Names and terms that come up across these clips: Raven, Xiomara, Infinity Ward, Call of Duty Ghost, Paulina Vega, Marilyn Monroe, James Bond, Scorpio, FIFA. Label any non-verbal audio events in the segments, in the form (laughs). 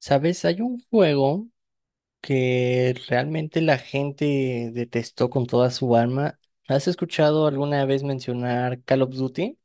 Sabes, hay un juego que realmente la gente detestó con toda su alma. ¿Has escuchado alguna vez mencionar Call of Duty?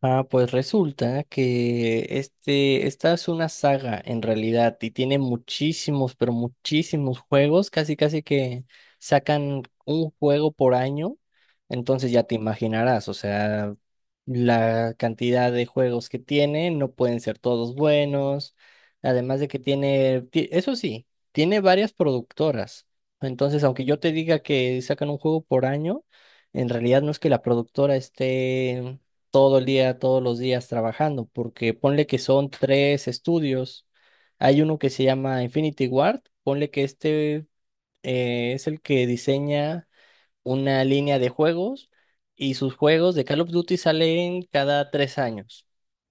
Ah, pues resulta que esta es una saga en realidad y tiene muchísimos, pero muchísimos juegos, casi casi que sacan un juego por año. Entonces ya te imaginarás, o sea, la cantidad de juegos que tiene no pueden ser todos buenos, además de que tiene, eso sí, tiene varias productoras. Entonces, aunque yo te diga que sacan un juego por año, en realidad no es que la productora esté todo el día, todos los días trabajando, porque ponle que son tres estudios. Hay uno que se llama Infinity Ward. Ponle que es el que diseña una línea de juegos y sus juegos de Call of Duty salen cada 3 años.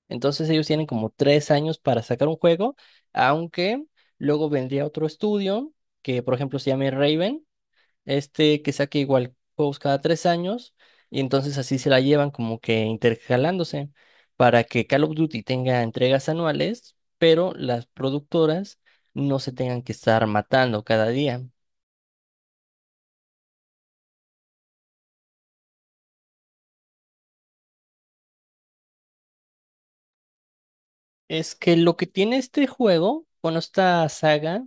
Entonces ellos tienen como 3 años para sacar un juego, aunque luego vendría otro estudio que, por ejemplo, se llama Raven, este que saque igual juegos cada 3 años, y entonces así se la llevan como que intercalándose para que Call of Duty tenga entregas anuales, pero las productoras no se tengan que estar matando cada día. Es que lo que tiene este juego, bueno, esta saga,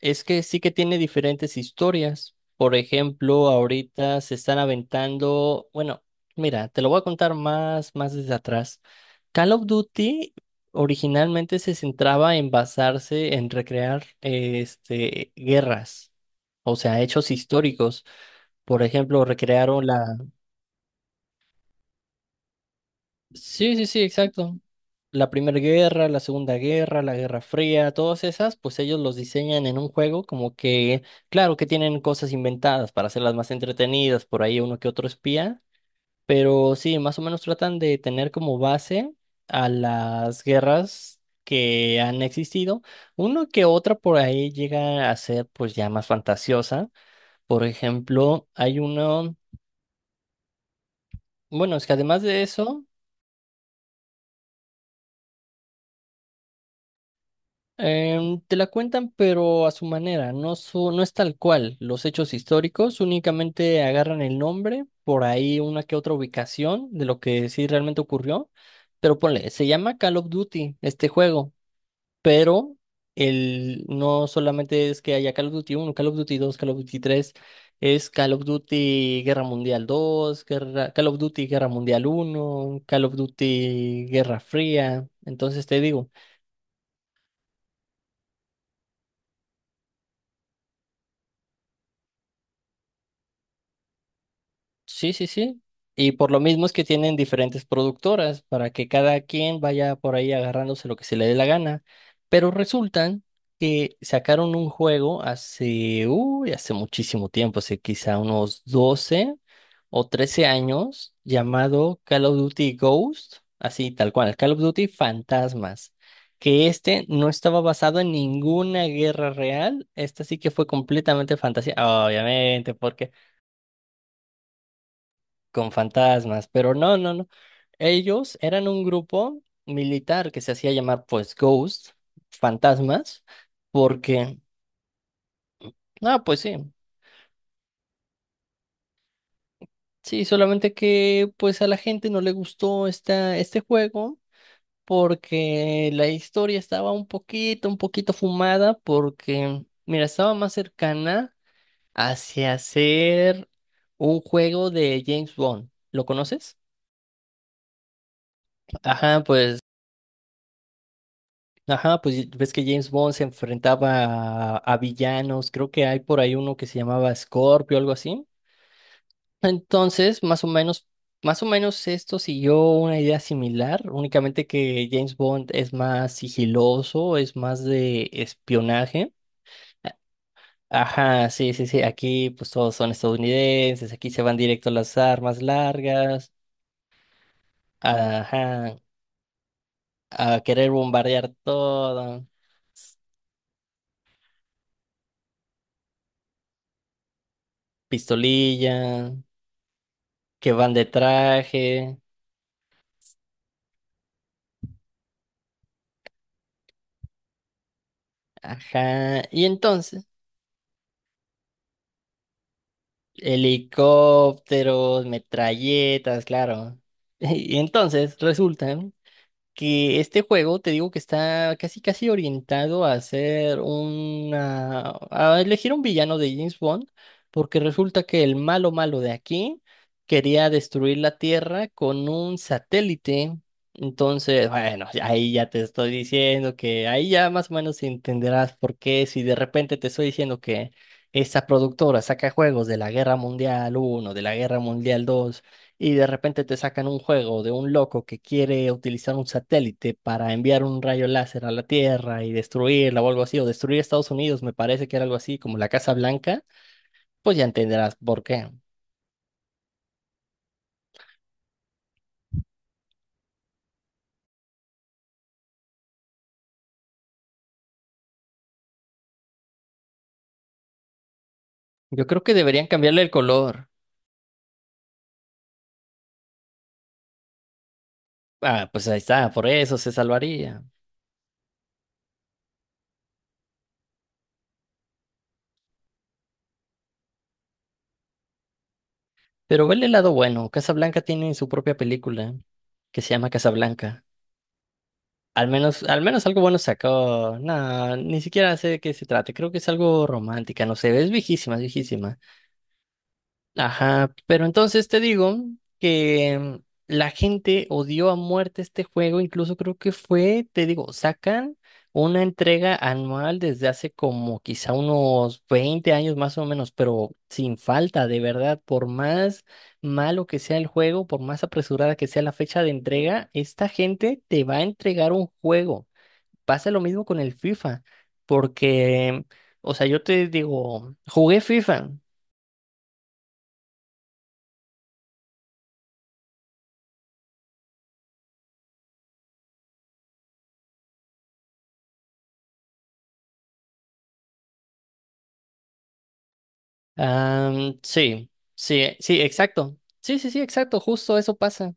es que sí que tiene diferentes historias. Por ejemplo, ahorita se están aventando, bueno, mira, te lo voy a contar más desde atrás. Call of Duty originalmente se centraba en basarse en recrear guerras, o sea, hechos históricos. Por ejemplo, recrearon la, sí, sí, sí, exacto. La Primera Guerra, la Segunda Guerra, la Guerra Fría, todas esas, pues ellos los diseñan en un juego como que, claro que tienen cosas inventadas para hacerlas más entretenidas, por ahí uno que otro espía, pero sí, más o menos tratan de tener como base a las guerras que han existido. Uno que otra por ahí llega a ser pues ya más fantasiosa. Por ejemplo, hay uno, bueno, es que además de eso... te la cuentan, pero a su manera, no, no es tal cual. Los hechos históricos únicamente agarran el nombre, por ahí una que otra ubicación de lo que sí realmente ocurrió. Pero ponle, se llama Call of Duty este juego, pero no solamente es que haya Call of Duty uno, Call of Duty 2, Call of Duty 3, es Call of Duty Guerra Mundial 2, Call of Duty Guerra Mundial uno, Call of Duty Guerra Fría. Entonces te digo. Sí, sí, sí. Y por lo mismo es que tienen diferentes productoras para que cada quien vaya por ahí agarrándose lo que se le dé la gana. Pero resultan que sacaron un juego hace, uy, hace muchísimo tiempo, hace quizá unos 12 o 13 años, llamado Call of Duty Ghost, así tal cual, Call of Duty Fantasmas, que este no estaba basado en ninguna guerra real. Esta sí que fue completamente fantasía, obviamente, porque con fantasmas, pero no, no, no. Ellos eran un grupo militar que se hacía llamar pues Ghost, fantasmas, porque, ah, pues sí, sí, solamente que pues a la gente no le gustó este juego porque la historia estaba un poquito fumada porque, mira, estaba más cercana hacia ser un juego de James Bond. ¿Lo conoces? Ajá, pues Ajá, pues ves que James Bond se enfrentaba a villanos. Creo que hay por ahí uno que se llamaba Scorpio, algo así. Entonces, más o menos esto siguió una idea similar, únicamente que James Bond es más sigiloso, es más de espionaje. Ajá, sí, sí, sí, aquí pues todos son estadounidenses, aquí se van directo a las armas largas, ajá, a querer bombardear todo, s- pistolilla, que van de traje, ajá. Y entonces, helicópteros, metralletas, claro. (laughs) Y entonces resulta que este juego, te digo que está casi casi orientado a hacer una, a elegir un villano de James Bond, porque resulta que el malo malo de aquí quería destruir la Tierra con un satélite. Entonces, bueno, ahí ya te estoy diciendo que ahí ya más o menos entenderás por qué, si de repente te estoy diciendo que esta productora saca juegos de la Guerra Mundial uno, de la Guerra Mundial dos, y de repente te sacan un juego de un loco que quiere utilizar un satélite para enviar un rayo láser a la Tierra y destruirla o algo así, o destruir Estados Unidos, me parece que era algo así como la Casa Blanca, pues ya entenderás por qué. Yo creo que deberían cambiarle el color. Ah, pues ahí está, por eso se salvaría. Pero vele el lado bueno, Casa Blanca tiene su propia película que se llama Casa Blanca. Al menos algo bueno sacó. No, ni siquiera sé de qué se trata. Creo que es algo romántica, no sé. Es viejísima, es viejísima. Ajá, pero entonces te digo que la gente odió a muerte este juego. Incluso creo que fue, te digo, sacan una entrega anual desde hace como quizá unos 20 años más o menos, pero sin falta, de verdad, por más malo que sea el juego, por más apresurada que sea la fecha de entrega, esta gente te va a entregar un juego. Pasa lo mismo con el FIFA, porque, o sea, yo te digo, jugué FIFA. Sí, sí, sí, exacto. Sí, sí, sí, exacto. Justo eso pasa.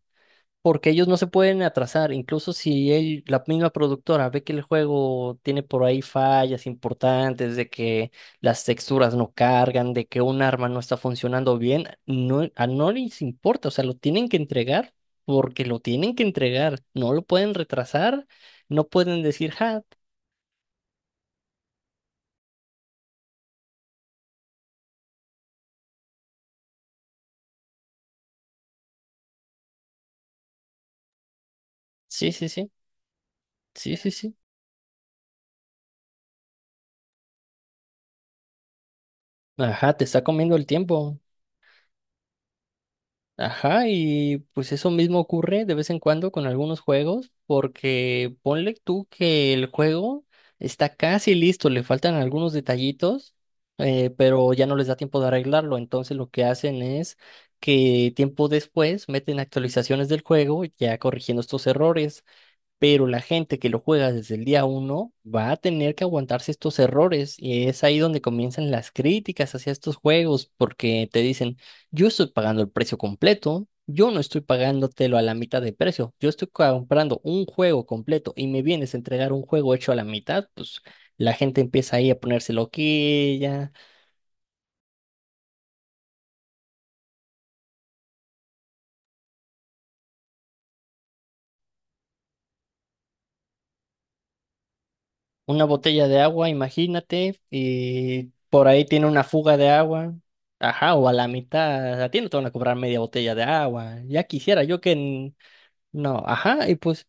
Porque ellos no se pueden atrasar. Incluso si la misma productora ve que el juego tiene por ahí fallas importantes, de que las texturas no cargan, de que un arma no está funcionando bien, no, a no les importa. O sea, lo tienen que entregar porque lo tienen que entregar. No lo pueden retrasar. No pueden decir, ja, sí, sí, sí, sí, sí, sí. Ajá, te está comiendo el tiempo. Ajá, y pues eso mismo ocurre de vez en cuando con algunos juegos, porque ponle tú que el juego está casi listo, le faltan algunos detallitos, pero ya no les da tiempo de arreglarlo, entonces lo que hacen es que tiempo después meten actualizaciones del juego ya corrigiendo estos errores, pero la gente que lo juega desde el día uno va a tener que aguantarse estos errores, y es ahí donde comienzan las críticas hacia estos juegos porque te dicen, yo estoy pagando el precio completo, yo no estoy pagándotelo a la mitad de precio, yo estoy comprando un juego completo y me vienes a entregar un juego hecho a la mitad. Pues la gente empieza ahí a ponerse loquilla. Una botella de agua, imagínate, y por ahí tiene una fuga de agua. Ajá, o a la mitad, a ti no te van a cobrar media botella de agua. Ya quisiera yo que... No, ajá, y pues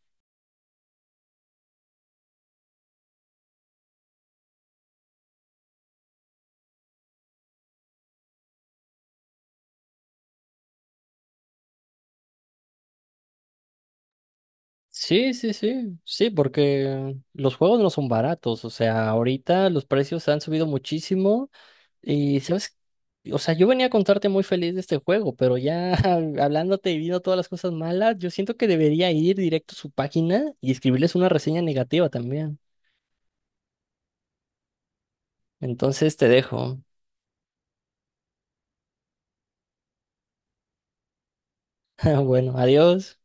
sí, sí, sí, sí, porque los juegos no son baratos, o sea, ahorita los precios han subido muchísimo y, ¿sabes? O sea, yo venía a contarte muy feliz de este juego, pero ya (laughs) hablándote y viendo todas las cosas malas, yo siento que debería ir directo a su página y escribirles una reseña negativa también. Entonces te dejo. (laughs) Bueno, adiós.